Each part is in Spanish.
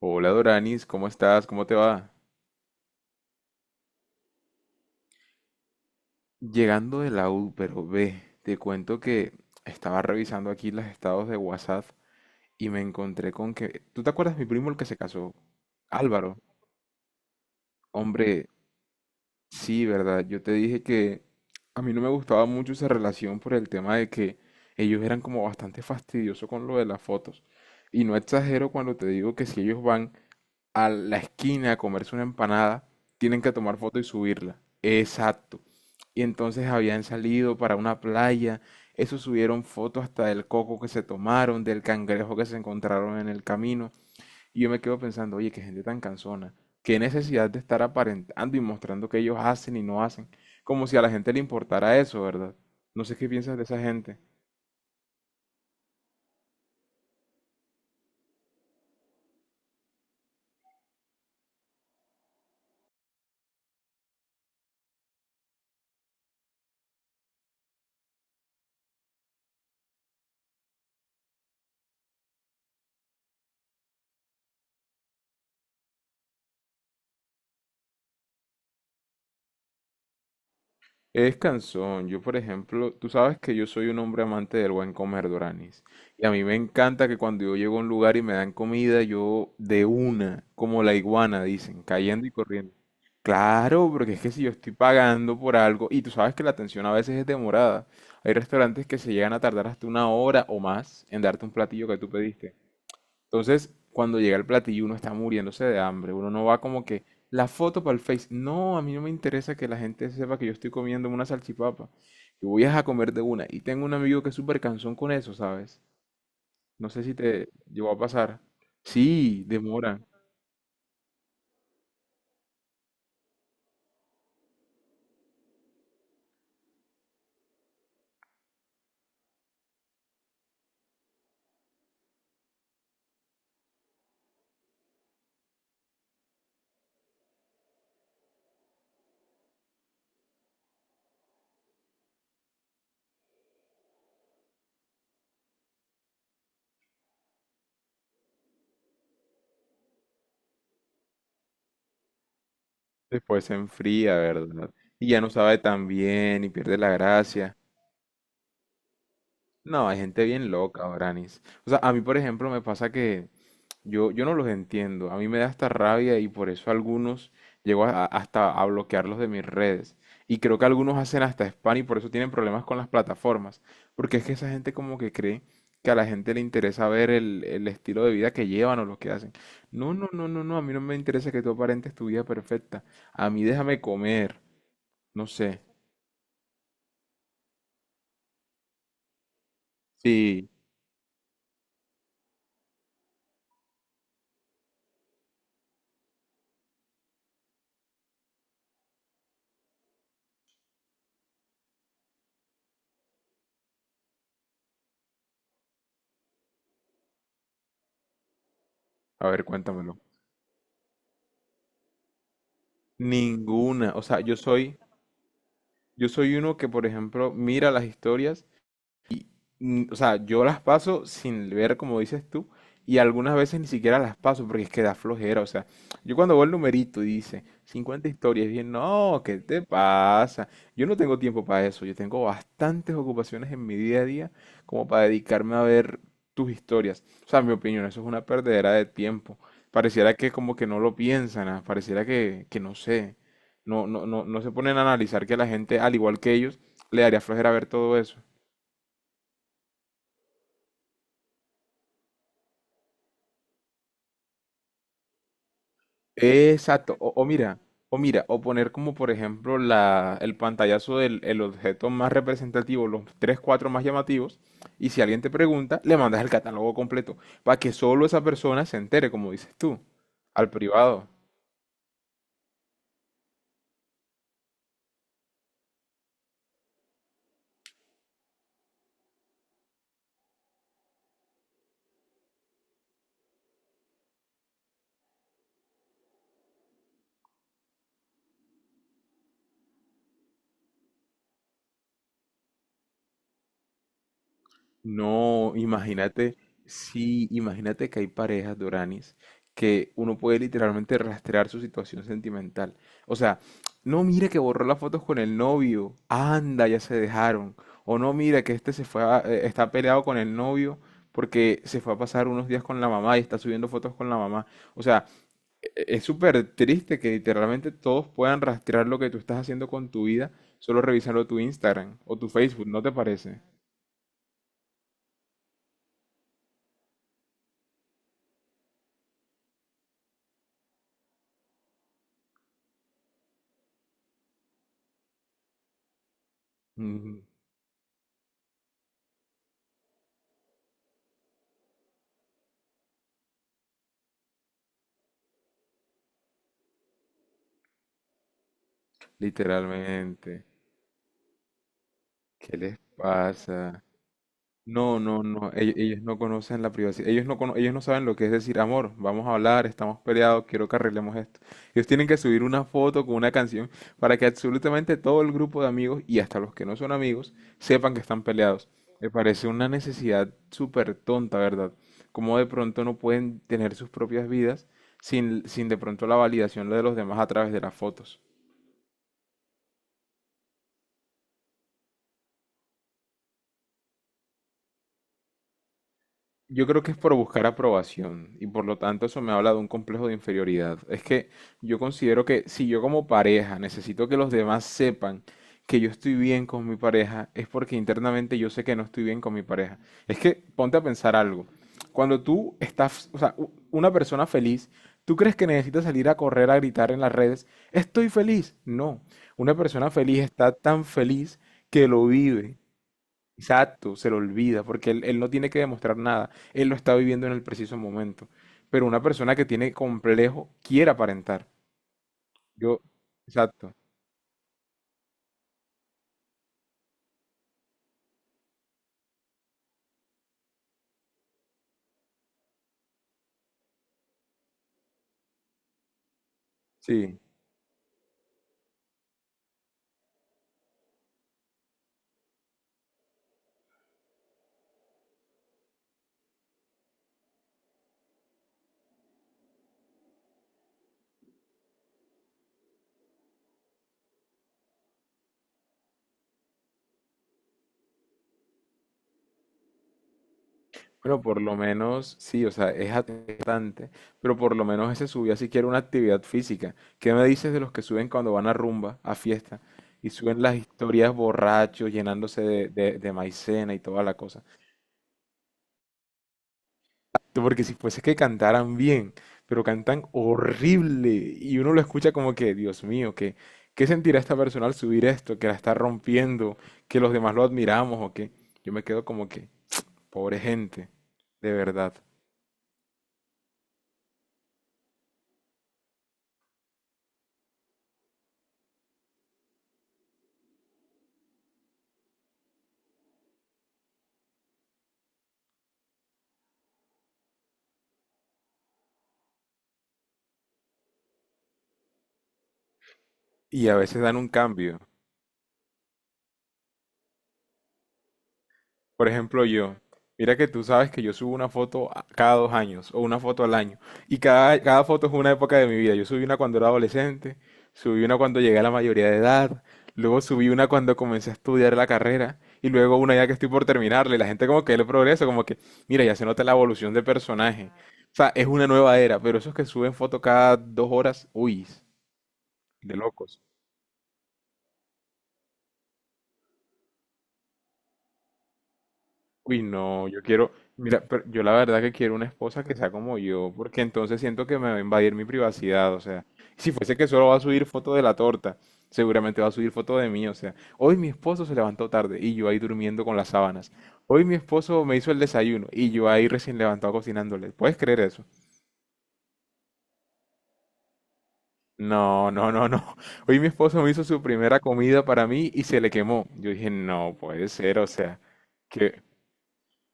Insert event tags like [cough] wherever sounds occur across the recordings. Hola Doranis, ¿cómo estás? ¿Cómo te va? Llegando de la U, pero ve, te cuento que estaba revisando aquí los estados de WhatsApp y me encontré con que... ¿Tú te acuerdas mi primo el que se casó? Álvaro. Hombre, sí, ¿verdad? Yo te dije que a mí no me gustaba mucho esa relación por el tema de que ellos eran como bastante fastidiosos con lo de las fotos. Y no exagero cuando te digo que si ellos van a la esquina a comerse una empanada, tienen que tomar foto y subirla. Exacto. Y entonces habían salido para una playa, eso subieron fotos hasta del coco que se tomaron, del cangrejo que se encontraron en el camino. Y yo me quedo pensando, oye, qué gente tan cansona, qué necesidad de estar aparentando y mostrando que ellos hacen y no hacen, como si a la gente le importara eso, ¿verdad? No sé qué piensas de esa gente. Es cansón. Yo, por ejemplo, tú sabes que yo soy un hombre amante del buen comer, Doranis. Y a mí me encanta que cuando yo llego a un lugar y me dan comida, yo de una, como la iguana, dicen, cayendo y corriendo. Claro, porque es que si yo estoy pagando por algo, y tú sabes que la atención a veces es demorada. Hay restaurantes que se llegan a tardar hasta una hora o más en darte un platillo que tú pediste. Entonces, cuando llega el platillo, uno está muriéndose de hambre. Uno no va como que la foto para el Face. No, a mí no me interesa que la gente sepa que yo estoy comiendo una salchipapa. Yo voy a comer de una. Y tengo un amigo que es súper cansón con eso, ¿sabes? No sé si te llegó a pasar. Sí, demora. Después se enfría, ¿verdad? Y ya no sabe tan bien y pierde la gracia. No, hay gente bien loca, Branis. O sea, a mí, por ejemplo, me pasa que yo no los entiendo. A mí me da hasta rabia y por eso algunos llego hasta a bloquearlos de mis redes. Y creo que algunos hacen hasta spam y por eso tienen problemas con las plataformas. Porque es que esa gente como que cree que a la gente le interesa ver el estilo de vida que llevan o lo que hacen. No, no, no, no, no. A mí no me interesa que tú aparentes tu vida perfecta. A mí déjame comer. No sé. Sí. A ver, cuéntamelo. Ninguna. O sea, yo soy... Yo soy uno que, por ejemplo, mira las historias o sea, yo las paso sin ver, como dices tú, y algunas veces ni siquiera las paso porque es que da flojera. O sea, yo cuando veo el numerito y dice 50 historias, bien, no, ¿qué te pasa? Yo no tengo tiempo para eso. Yo tengo bastantes ocupaciones en mi día a día como para dedicarme a ver tus historias. O sea, en mi opinión, eso es una perdedera de tiempo. Pareciera que como que no lo piensan, pareciera que no sé. No, no, no, no se ponen a analizar que la gente, al igual que ellos, le daría flojera ver todo eso. Exacto, o mira, o poner como por ejemplo la, el pantallazo del el objeto más representativo, los tres, cuatro más llamativos, y si alguien te pregunta, le mandas el catálogo completo, para que solo esa persona se entere, como dices tú, al privado. No, imagínate, sí, imagínate que hay parejas, Doranis, que uno puede literalmente rastrear su situación sentimental. O sea, no mira que borró las fotos con el novio, anda, ya se dejaron. O no mira que este se fue está peleado con el novio porque se fue a pasar unos días con la mamá y está subiendo fotos con la mamá. O sea, es súper triste que literalmente todos puedan rastrear lo que tú estás haciendo con tu vida solo revisando tu Instagram o tu Facebook, ¿no te parece? Literalmente, ¿qué les pasa? No, no, no, ellos no conocen la privacidad, ellos no, ellos no saben lo que es decir, amor, vamos a hablar, estamos peleados, quiero que arreglemos esto. Ellos tienen que subir una foto con una canción para que absolutamente todo el grupo de amigos y hasta los que no son amigos sepan que están peleados. Me parece una necesidad súper tonta, ¿verdad? Como de pronto no pueden tener sus propias vidas sin de pronto la validación de los demás a través de las fotos. Yo creo que es por buscar aprobación y por lo tanto eso me habla de un complejo de inferioridad. Es que yo considero que si yo como pareja necesito que los demás sepan que yo estoy bien con mi pareja, es porque internamente yo sé que no estoy bien con mi pareja. Es que ponte a pensar algo. Cuando tú estás, o sea, una persona feliz, ¿tú crees que necesita salir a correr a gritar en las redes, estoy feliz? No. Una persona feliz está tan feliz que lo vive. Exacto, se lo olvida, porque él no tiene que demostrar nada, él lo está viviendo en el preciso momento. Pero una persona que tiene complejo quiere aparentar. Yo, exacto, sí. Bueno, por lo menos, sí, o sea, es atentante, pero por lo menos ese subía siquiera una actividad física. ¿Qué me dices de los que suben cuando van a rumba, a fiesta, y suben las historias borrachos, llenándose de, de maicena y toda la cosa? Porque si fuese que cantaran bien, pero cantan horrible y uno lo escucha como que, Dios mío, que, ¿qué sentirá esta persona al subir esto? Que la está rompiendo, que los demás lo admiramos o qué. Yo me quedo como que, pobre gente, de verdad. Y a veces dan un cambio. Por ejemplo, yo, mira que tú sabes que yo subo una foto cada 2 años o una foto al año. Y cada foto es una época de mi vida. Yo subí una cuando era adolescente, subí una cuando llegué a la mayoría de edad, luego subí una cuando comencé a estudiar la carrera y luego una ya que estoy por terminarla. Y la gente como que ve el progreso, como que, mira, ya se nota la evolución de personaje. O sea, es una nueva era, pero esos que suben foto cada 2 horas, uy, de locos. Uy, no, yo quiero, mira, pero yo la verdad que quiero una esposa que sea como yo, porque entonces siento que me va a invadir mi privacidad, o sea, si fuese que solo va a subir foto de la torta, seguramente va a subir foto de mí, o sea, hoy mi esposo se levantó tarde y yo ahí durmiendo con las sábanas, hoy mi esposo me hizo el desayuno y yo ahí recién levantado cocinándole, ¿puedes creer eso? No, no, no, no, [laughs] hoy mi esposo me hizo su primera comida para mí y se le quemó, yo dije, no puede ser, o sea, que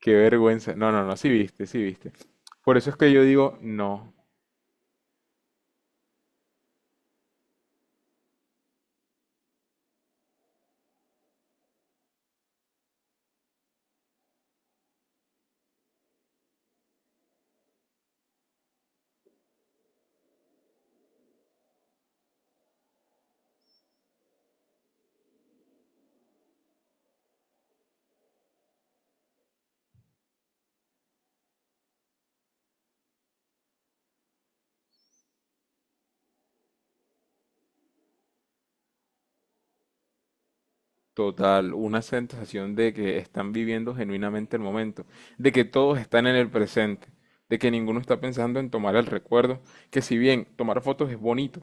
qué vergüenza. No, no, no, sí viste, sí viste. Por eso es que yo digo, no, total, una sensación de que están viviendo genuinamente el momento, de que todos están en el presente, de que ninguno está pensando en tomar el recuerdo, que si bien tomar fotos es bonito.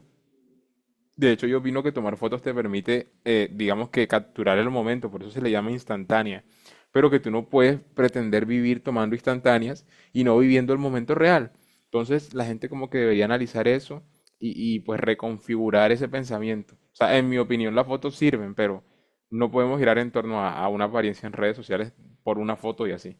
De hecho, yo opino que tomar fotos te permite, digamos que capturar el momento, por eso se le llama instantánea, pero que tú no puedes pretender vivir tomando instantáneas y no viviendo el momento real. Entonces, la gente como que debería analizar eso pues reconfigurar ese pensamiento. O sea, en mi opinión, las fotos sirven, pero no podemos girar en torno a una apariencia en redes sociales por una foto y así.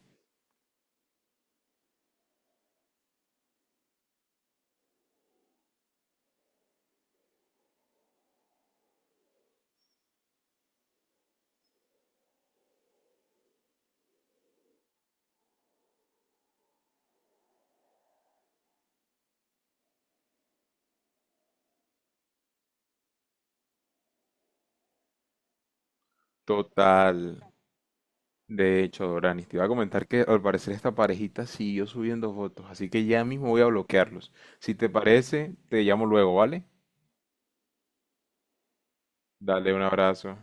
Total. De hecho, Doranis, te iba a comentar que al parecer esta parejita siguió subiendo fotos, así que ya mismo voy a bloquearlos. Si te parece, te llamo luego, ¿vale? Dale un abrazo.